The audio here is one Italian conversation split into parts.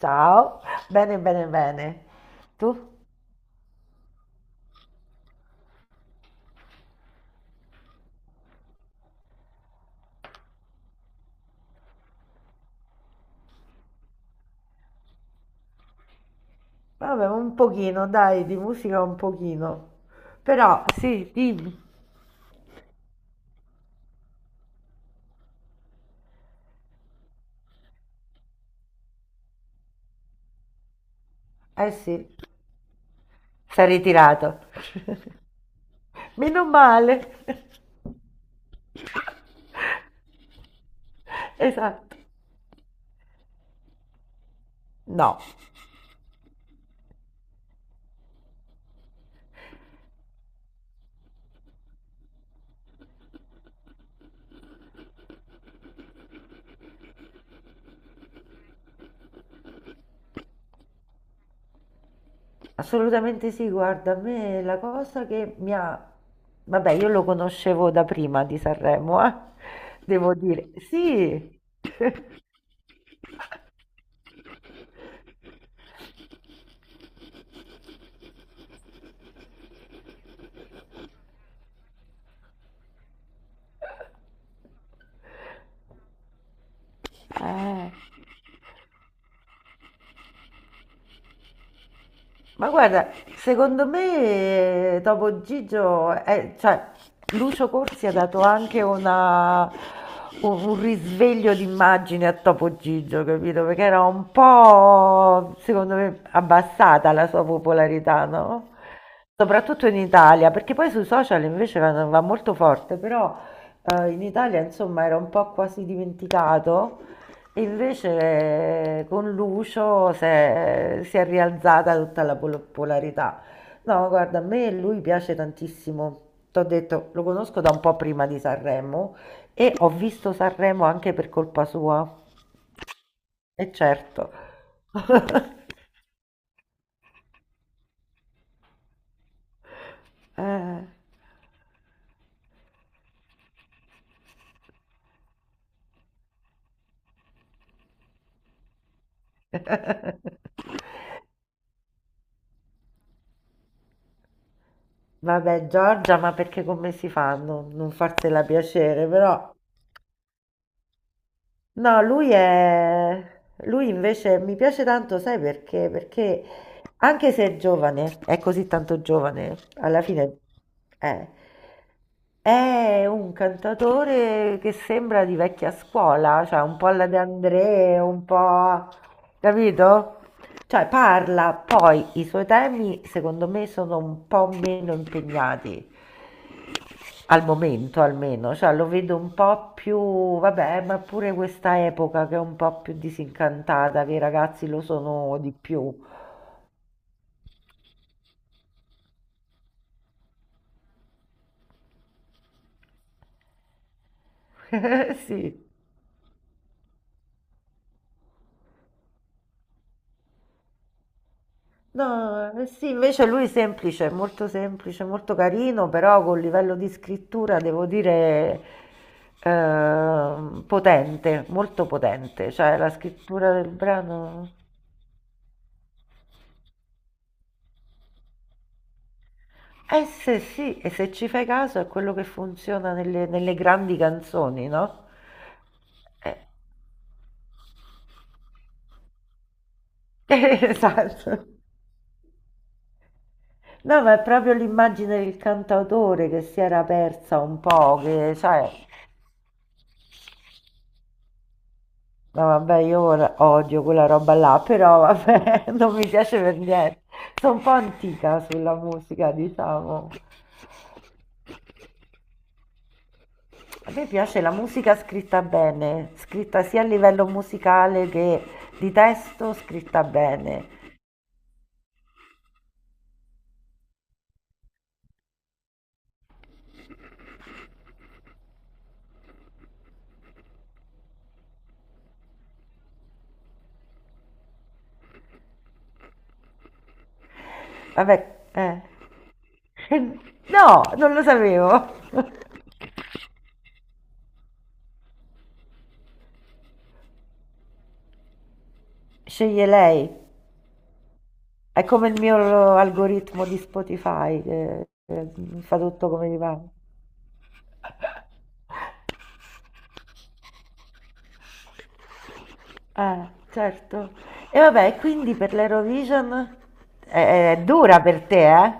Ciao, bene, bene, bene. Tu? Vabbè, un pochino, dai, di musica un pochino. Però, sì, dimmi. Eh sì, si è ritirato. Meno male. Esatto. No, assolutamente sì, guarda, a me la cosa che mi ha... Vabbè, io lo conoscevo da prima di Sanremo, devo dire. Sì. Eh. Ma guarda, secondo me dopo Gigio, cioè, Lucio Corsi ha dato anche un risveglio d'immagine a Topo Gigio, capito? Perché era un po', secondo me, abbassata la sua popolarità, no? Soprattutto in Italia, perché poi sui social invece va, va molto forte, però in Italia, insomma, era un po' quasi dimenticato. Invece con Lucio si è rialzata tutta la polarità. No, guarda, a me lui piace tantissimo. T'ho detto, lo conosco da un po' prima di Sanremo e ho visto Sanremo anche per colpa sua. E certo. Eh. Vabbè, Giorgia, ma perché come si fa a non farsela piacere? Però no, lui è... Lui invece mi piace tanto, sai perché? Perché anche se è giovane, è così tanto giovane, alla fine è, è un cantatore che sembra di vecchia scuola, cioè un po' alla De André, un po'... capito? Cioè parla, poi i suoi temi secondo me sono un po' meno impegnati. Al momento almeno, cioè lo vedo un po' più, vabbè, ma pure questa epoca che è un po' più disincantata, che i ragazzi lo sono di più. Sì. No, sì, invece lui è semplice, molto carino, però col livello di scrittura devo dire potente, molto potente, cioè la scrittura del brano. Se sì, e se ci fai caso è quello che funziona nelle, nelle grandi canzoni, no? Eh, esatto. No, ma è proprio l'immagine del cantautore che si era persa un po', che sai, no, vabbè, io ora odio quella roba là, però vabbè, non mi piace per niente. Sono un po' antica sulla musica, diciamo. A me piace la musica scritta bene, scritta sia a livello musicale che di testo, scritta bene. Vabbè, eh. No, non lo sapevo. Sceglie lei. È come il mio algoritmo di Spotify che mi fa tutto come gli va. Certo. E vabbè, quindi per l'Eurovision? È dura per te, eh?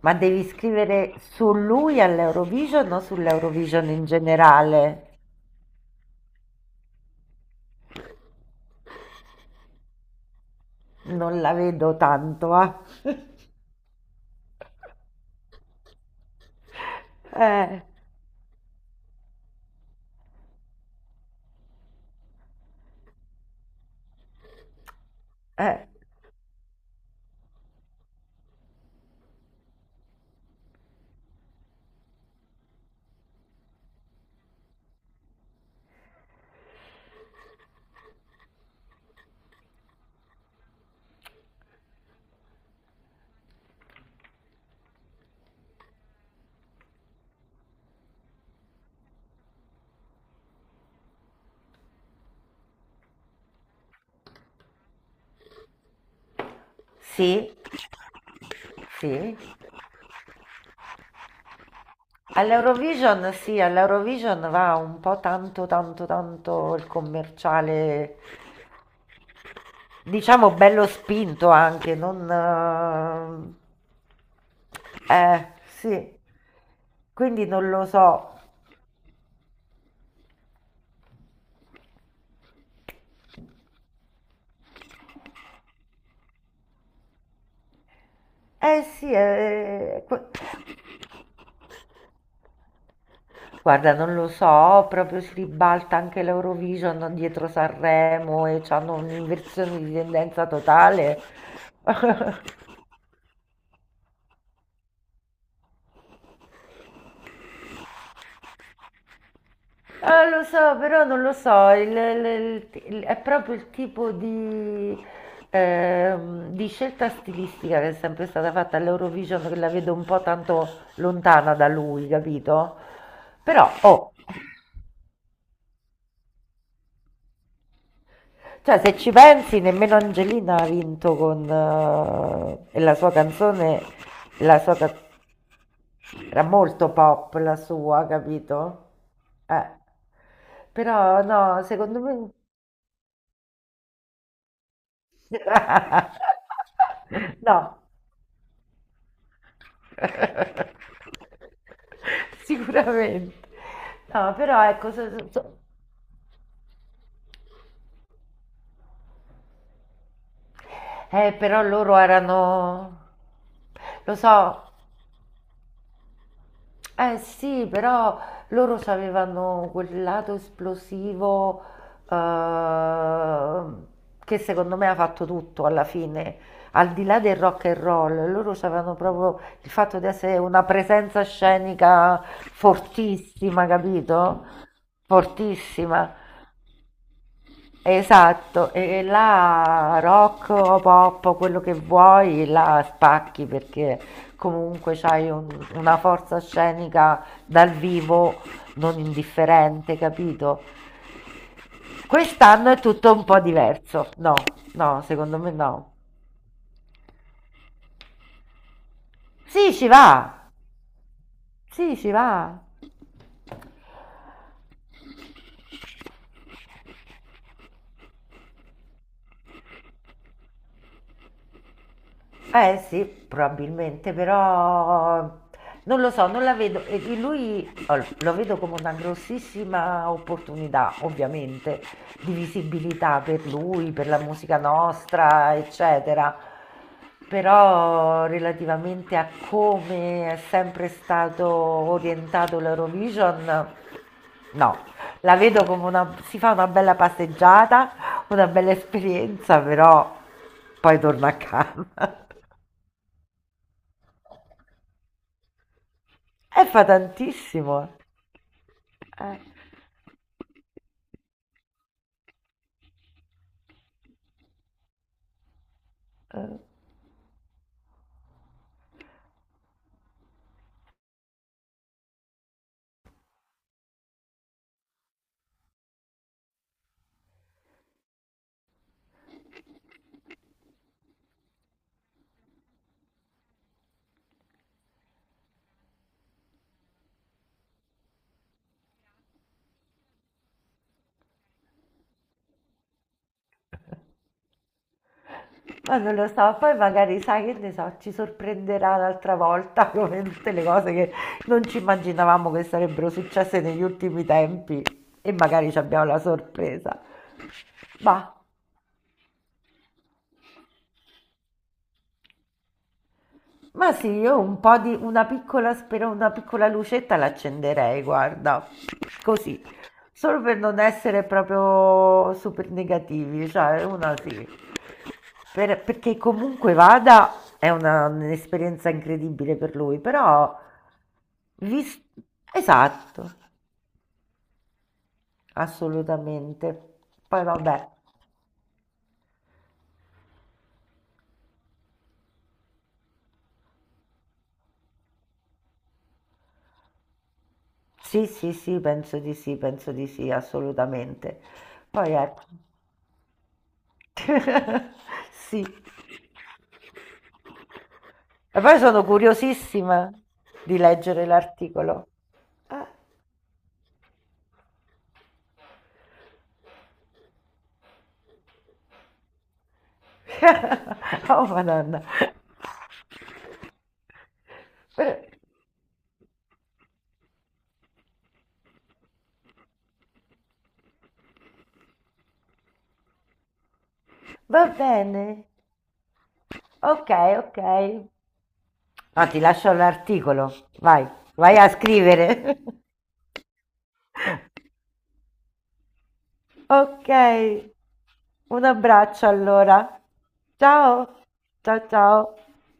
Ma devi scrivere su lui all'Eurovision o sull'Eurovision in generale? Non la vedo tanto, ah. Eh, eh, sì, sì. All'Eurovision, sì, all'Eurovision va un po' tanto, tanto, tanto il commerciale. Diciamo bello spinto anche, non... sì, quindi non lo so. Eh sì, guarda, non lo so, proprio si ribalta anche l'Eurovision dietro Sanremo e hanno un'inversione di tendenza totale. Lo so, però non lo so, è proprio il tipo di scelta stilistica che è sempre stata fatta all'Eurovision, che la vedo un po' tanto lontana da lui, capito? Però, oh, cioè se ci pensi, nemmeno Angelina ha vinto con la sua canzone, la sua ca- era molto pop la sua, capito? Eh. Però no, secondo me no. Sicuramente. No, però ecco, però loro erano, lo so, eh sì, però loro c'avevano quel lato esplosivo, ehm, che secondo me ha fatto tutto alla fine, al di là del rock and roll, loro c'avevano proprio il fatto di essere una presenza scenica fortissima, capito? Fortissima. Esatto, e là rock o pop, o quello che vuoi, la spacchi perché comunque una forza scenica dal vivo non indifferente, capito? Quest'anno è tutto un po' diverso. No, no, secondo me no. Sì, ci va. Sì, ci va. Eh sì, probabilmente, però non lo so, non la vedo. E lui oh, lo vedo come una grossissima opportunità, ovviamente, di visibilità per lui, per la musica nostra, eccetera. Però relativamente a come è sempre stato orientato l'Eurovision, no, la vedo come una, si fa una bella passeggiata, una bella esperienza, però poi torna a casa. E fa tantissimo. Eh, ma non lo so, poi magari sai che ne so, ci sorprenderà un'altra volta come tutte le cose che non ci immaginavamo che sarebbero successe negli ultimi tempi, e magari ci abbiamo la sorpresa. Ma, ma sì, io un po' di una piccola, spero, una piccola lucetta l'accenderei, guarda, così, solo per non essere proprio super negativi, cioè una sì. Perché comunque vada è un'esperienza incredibile per lui, però vis- esatto, assolutamente. Poi vabbè, sì, sì, sì, penso di sì, penso di sì, assolutamente. Poi ecco, sì. E poi sono curiosissima di leggere l'articolo. Ah. Oh, Madonna. Va bene. Ok, ok. No, ti lascio l'articolo. Vai, vai a scrivere. Ok. Un abbraccio allora. Ciao. Ciao ciao.